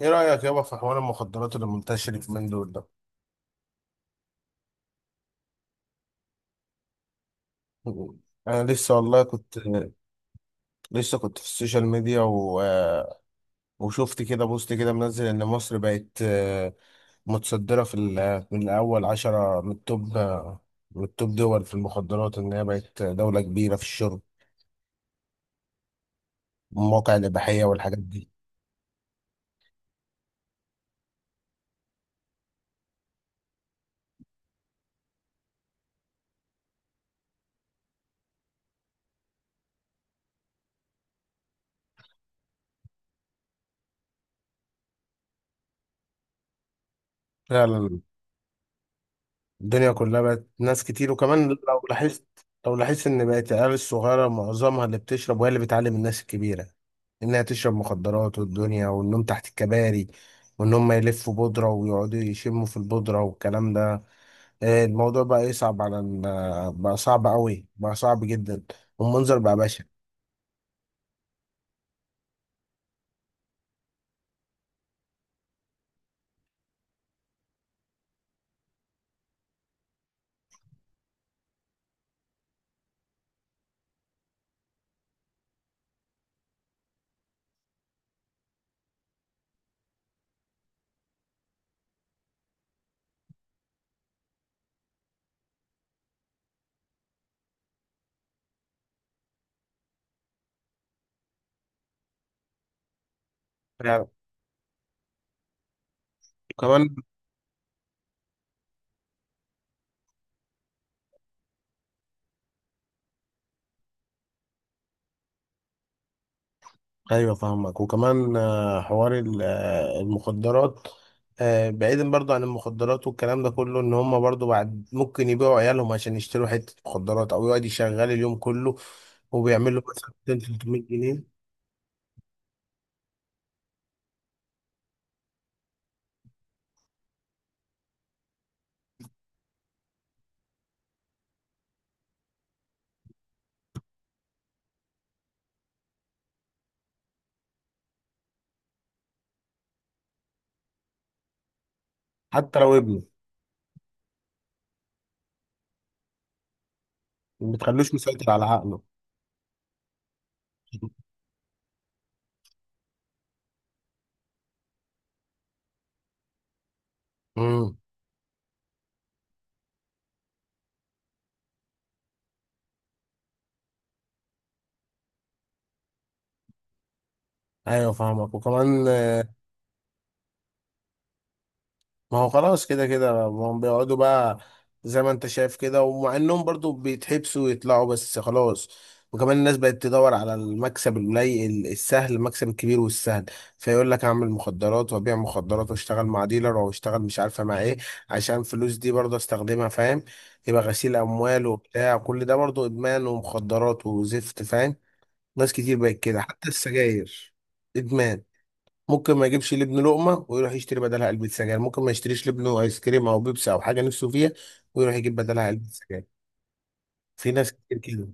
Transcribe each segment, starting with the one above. ايه رأيك يابا في حوار المخدرات اللي منتشر في من دول ده؟ انا لسه والله كنت لسه كنت في السوشيال ميديا و... آه، وشفت كده بوست كده منزل ان مصر بقت، متصدرة من اول 10 من التوب، من التوب دول في المخدرات، ان هي بقت دولة كبيرة في الشرب، مواقع الإباحية والحاجات دي. فعلا، الدنيا كلها بقت ناس كتير. وكمان لو لاحظت ان بقت العيال الصغيره معظمها اللي بتشرب، وهي اللي بتعلم الناس الكبيره انها تشرب مخدرات، والدنيا والنوم تحت الكباري، وان هم يلفوا بودره ويقعدوا يشموا في البودره والكلام ده. الموضوع بقى يصعب بقى صعب قوي، بقى صعب جدا. والمنظر بقى بشع. يعني كمان. ايوه فاهمك. وكمان آه، حوار ال- آه، المخدرات، بعيدا برضو عن المخدرات والكلام ده كله، ان هم برضو بعد ممكن يبيعوا عيالهم عشان يشتروا حتة مخدرات، او يقعد يشغل اليوم كله وبيعمل له مثلا 200 300 جنيه. حتى لو ابنه. ما بتخلوش مسيطر على عقله. امم. ايوه فاهمك. وكمان. ما هو خلاص كده كده ما هم بيقعدوا بقى زي ما انت شايف كده، ومع انهم برضو بيتحبسوا ويطلعوا بس خلاص. وكمان الناس بقت تدور على المكسب القليل السهل، المكسب الكبير والسهل. فيقول لك اعمل مخدرات وابيع مخدرات، واشتغل مع ديلر او اشتغل مش عارفه مع ايه، عشان فلوس دي برضه استخدمها، فاهم؟ يبقى غسيل اموال وبتاع كل ده برضه ادمان ومخدرات وزفت، فاهم؟ ناس كتير بقت كده. حتى السجاير ادمان. ممكن ما يجيبش لابنه لقمه ويروح يشتري بدلها علبه سجاير، ممكن ما يشتريش لابنه ايس كريم او بيبسي او حاجه نفسه فيها، ويروح يجيب بدلها علبه سجاير. في ناس كتير كده.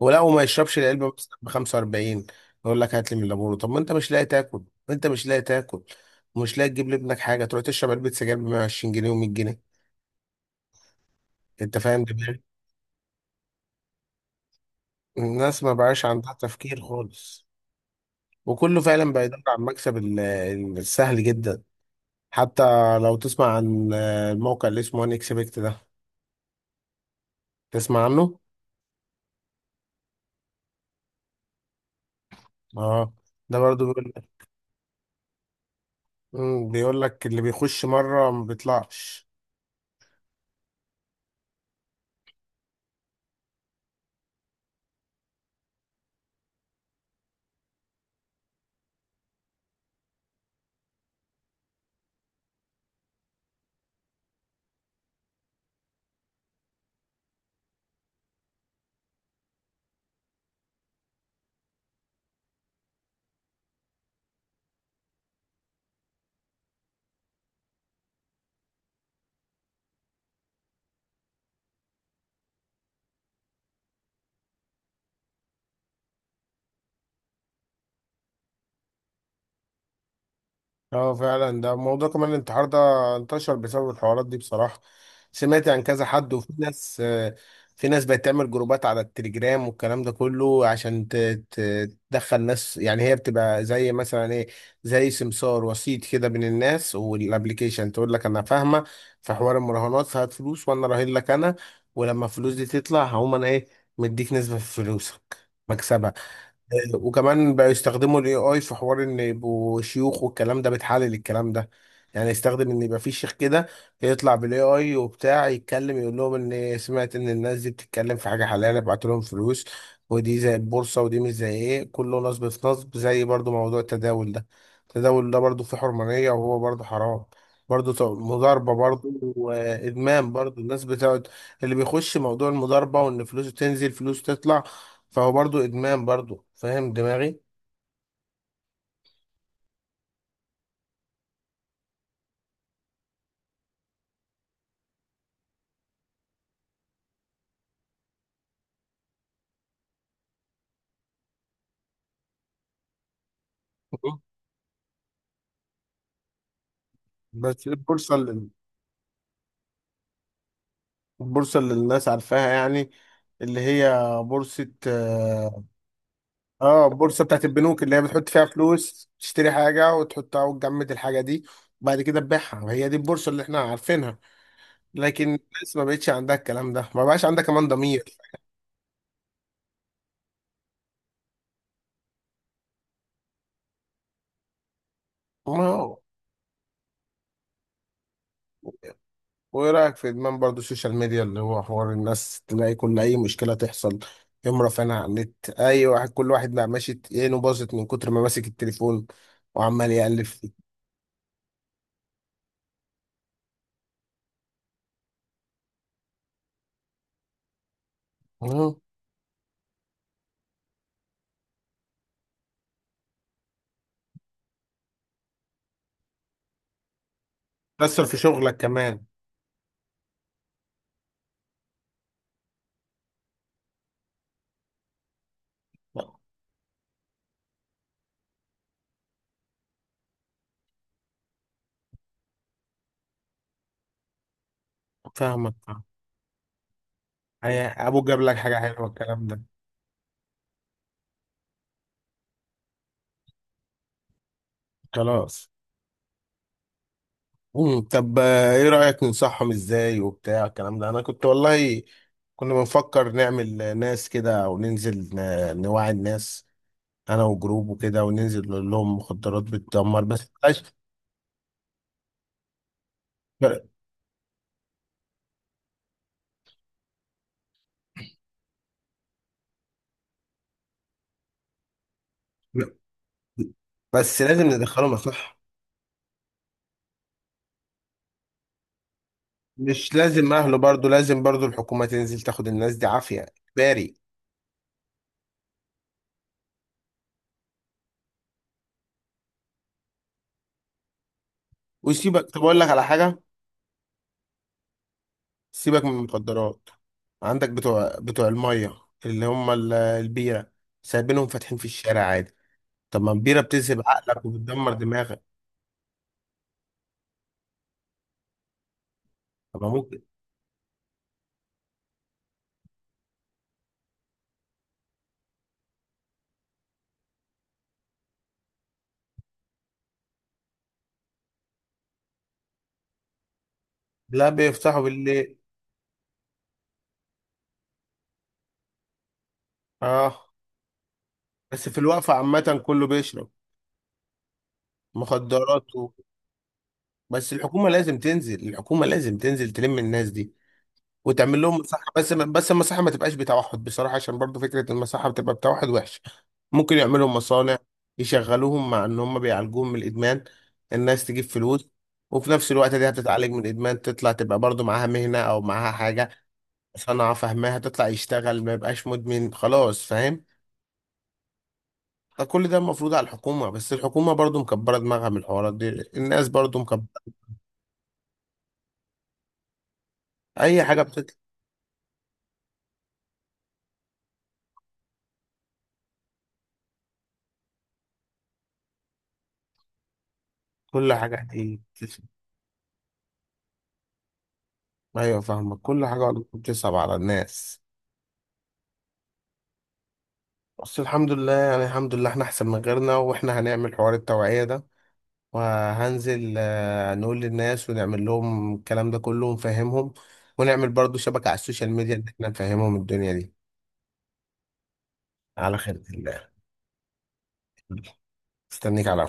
ولا وما يشربش العلبه مثلا ب 45، يقول لك هات لي من لابورو. طب ما انت مش لاقي تاكل. انت مش لاقي تاكل، ومش لاقي تجيب لابنك حاجه، تروح تشرب علبه سجاير ب 120 جنيه و100 جنيه. انت فاهم دماغي؟ الناس ما بقاش عندها تفكير خالص. وكله فعلا بقى يدور على السهل جدا. حتى لو تسمع عن الموقع اللي اسمه ان اكسبكت ده، تسمع عنه. اه، ده برضو بيقول. مم، بيقول لك اللي بيخش مرة ما بيطلعش. اه فعلا، ده موضوع كمان الانتحار ده، انتشر بسبب الحوارات دي بصراحة. سمعت عن كذا حد. وفي ناس، في ناس بقت تعمل جروبات على التليجرام والكلام ده كله، عشان تدخل ناس. يعني هي بتبقى زي مثلا ايه، زي سمسار وسيط كده بين الناس والابليكيشن. تقول لك انا فاهمة في حوار المراهنات، فهات فلوس وانا راهن لك انا، ولما الفلوس دي تطلع هقوم انا ايه، مديك نسبة في فلوسك، مكسبك. وكمان بقى يستخدموا الاي اي في حوار ان يبقوا شيوخ والكلام ده، بتحلل الكلام ده، يعني يستخدم ان يبقى في شيخ كده يطلع بالاي اي وبتاع، يتكلم يقول لهم ان سمعت ان الناس دي بتتكلم في حاجه حلال، ابعت لهم فلوس. ودي زي البورصه، ودي مش زي ايه، كله نصب في نصب. زي برضو موضوع التداول ده. التداول ده برضو فيه حرمانيه وهو برضو حرام. برضو مضاربه، برضو وادمان، برضو الناس بتقعد اللي بيخش موضوع المضاربه، وان فلوسه تنزل فلوسه تطلع، فهو برضو ادمان برضو، فاهم دماغي؟ مم. بس البورصه اللي، البورصه اللي الناس عارفاها يعني، اللي هي بورصه، اه. البورصه بتاعت البنوك اللي هي بتحط فيها فلوس، تشتري حاجه وتحطها وتجمد الحاجه دي، وبعد كده تبيعها. هي دي البورصه اللي احنا عارفينها. لكن الناس ما بقتش عندها الكلام ده، ما بقاش عندها كمان ضمير. وايه رايك في ادمان برضو السوشيال ميديا، اللي هو حوار الناس تلاقي كل اي مشكله تحصل يقوم رافعينها على النت. اي واحد، كل واحد بقى ماشي عينه باظت من كتر ما ماسك التليفون، وعمال يقلب فيه. مم. تأثر في شغلك كمان. فاهمك. ابوك جاب لك حاجه حلوه، الكلام ده. خلاص. مم. طب، ايه رايك ننصحهم ازاي وبتاع الكلام ده؟ انا كنت والله، كنا بنفكر نعمل ناس كده، او ننزل نوعي الناس، انا وجروب وكده، وننزل نقول لهم مخدرات بتدمر. بس بلاش. بس لازم ندخله مصلحة. مش لازم اهله، برضو لازم برضو الحكومة تنزل تاخد الناس دي عافية اجباري. وسيبك، طب اقول لك على حاجة، سيبك من المخدرات. عندك بتوع المية اللي هم البيرة، سايبينهم فاتحين في الشارع عادي. طب ما البيرة بتذهب عقلك وبتدمر دماغك. طب ما ممكن. لا، بيفتحوا بالليل. اه. بس في الوقفة عامة كله بيشرب مخدرات. بس الحكومة لازم تنزل، الحكومة لازم تنزل تلم الناس دي، وتعمل لهم مساحة. بس المساحة ما تبقاش بتوحد بصراحة، عشان برضو فكرة المساحة بتبقى بتوحد وحشة. ممكن يعملوا مصانع يشغلوهم، مع ان هم بيعالجوهم من الادمان. الناس تجيب فلوس، وفي نفس الوقت دي هتتعالج من الادمان، تطلع تبقى برضو معاها مهنة او معاها حاجة، صنعة فاهماها، تطلع يشتغل ما يبقاش مدمن خلاص، فاهم؟ فكل ده المفروض على الحكومة، بس الحكومة برضو مكبرة دماغها من الحوارات دي، الناس برضو مكبرة. اي حاجة بتطلع. كل حاجة هتيجي. ايوه فاهمك. كل حاجه والله بتصعب على الناس. بس الحمد لله، يعني الحمد لله احنا احسن من غيرنا، واحنا هنعمل حوار التوعيه ده. وهنزل، نقول للناس ونعمل لهم الكلام ده كله ونفهمهم، ونعمل برضو شبكه على السوشيال ميديا ان احنا نفهمهم الدنيا دي. على خير الله. مستنيك على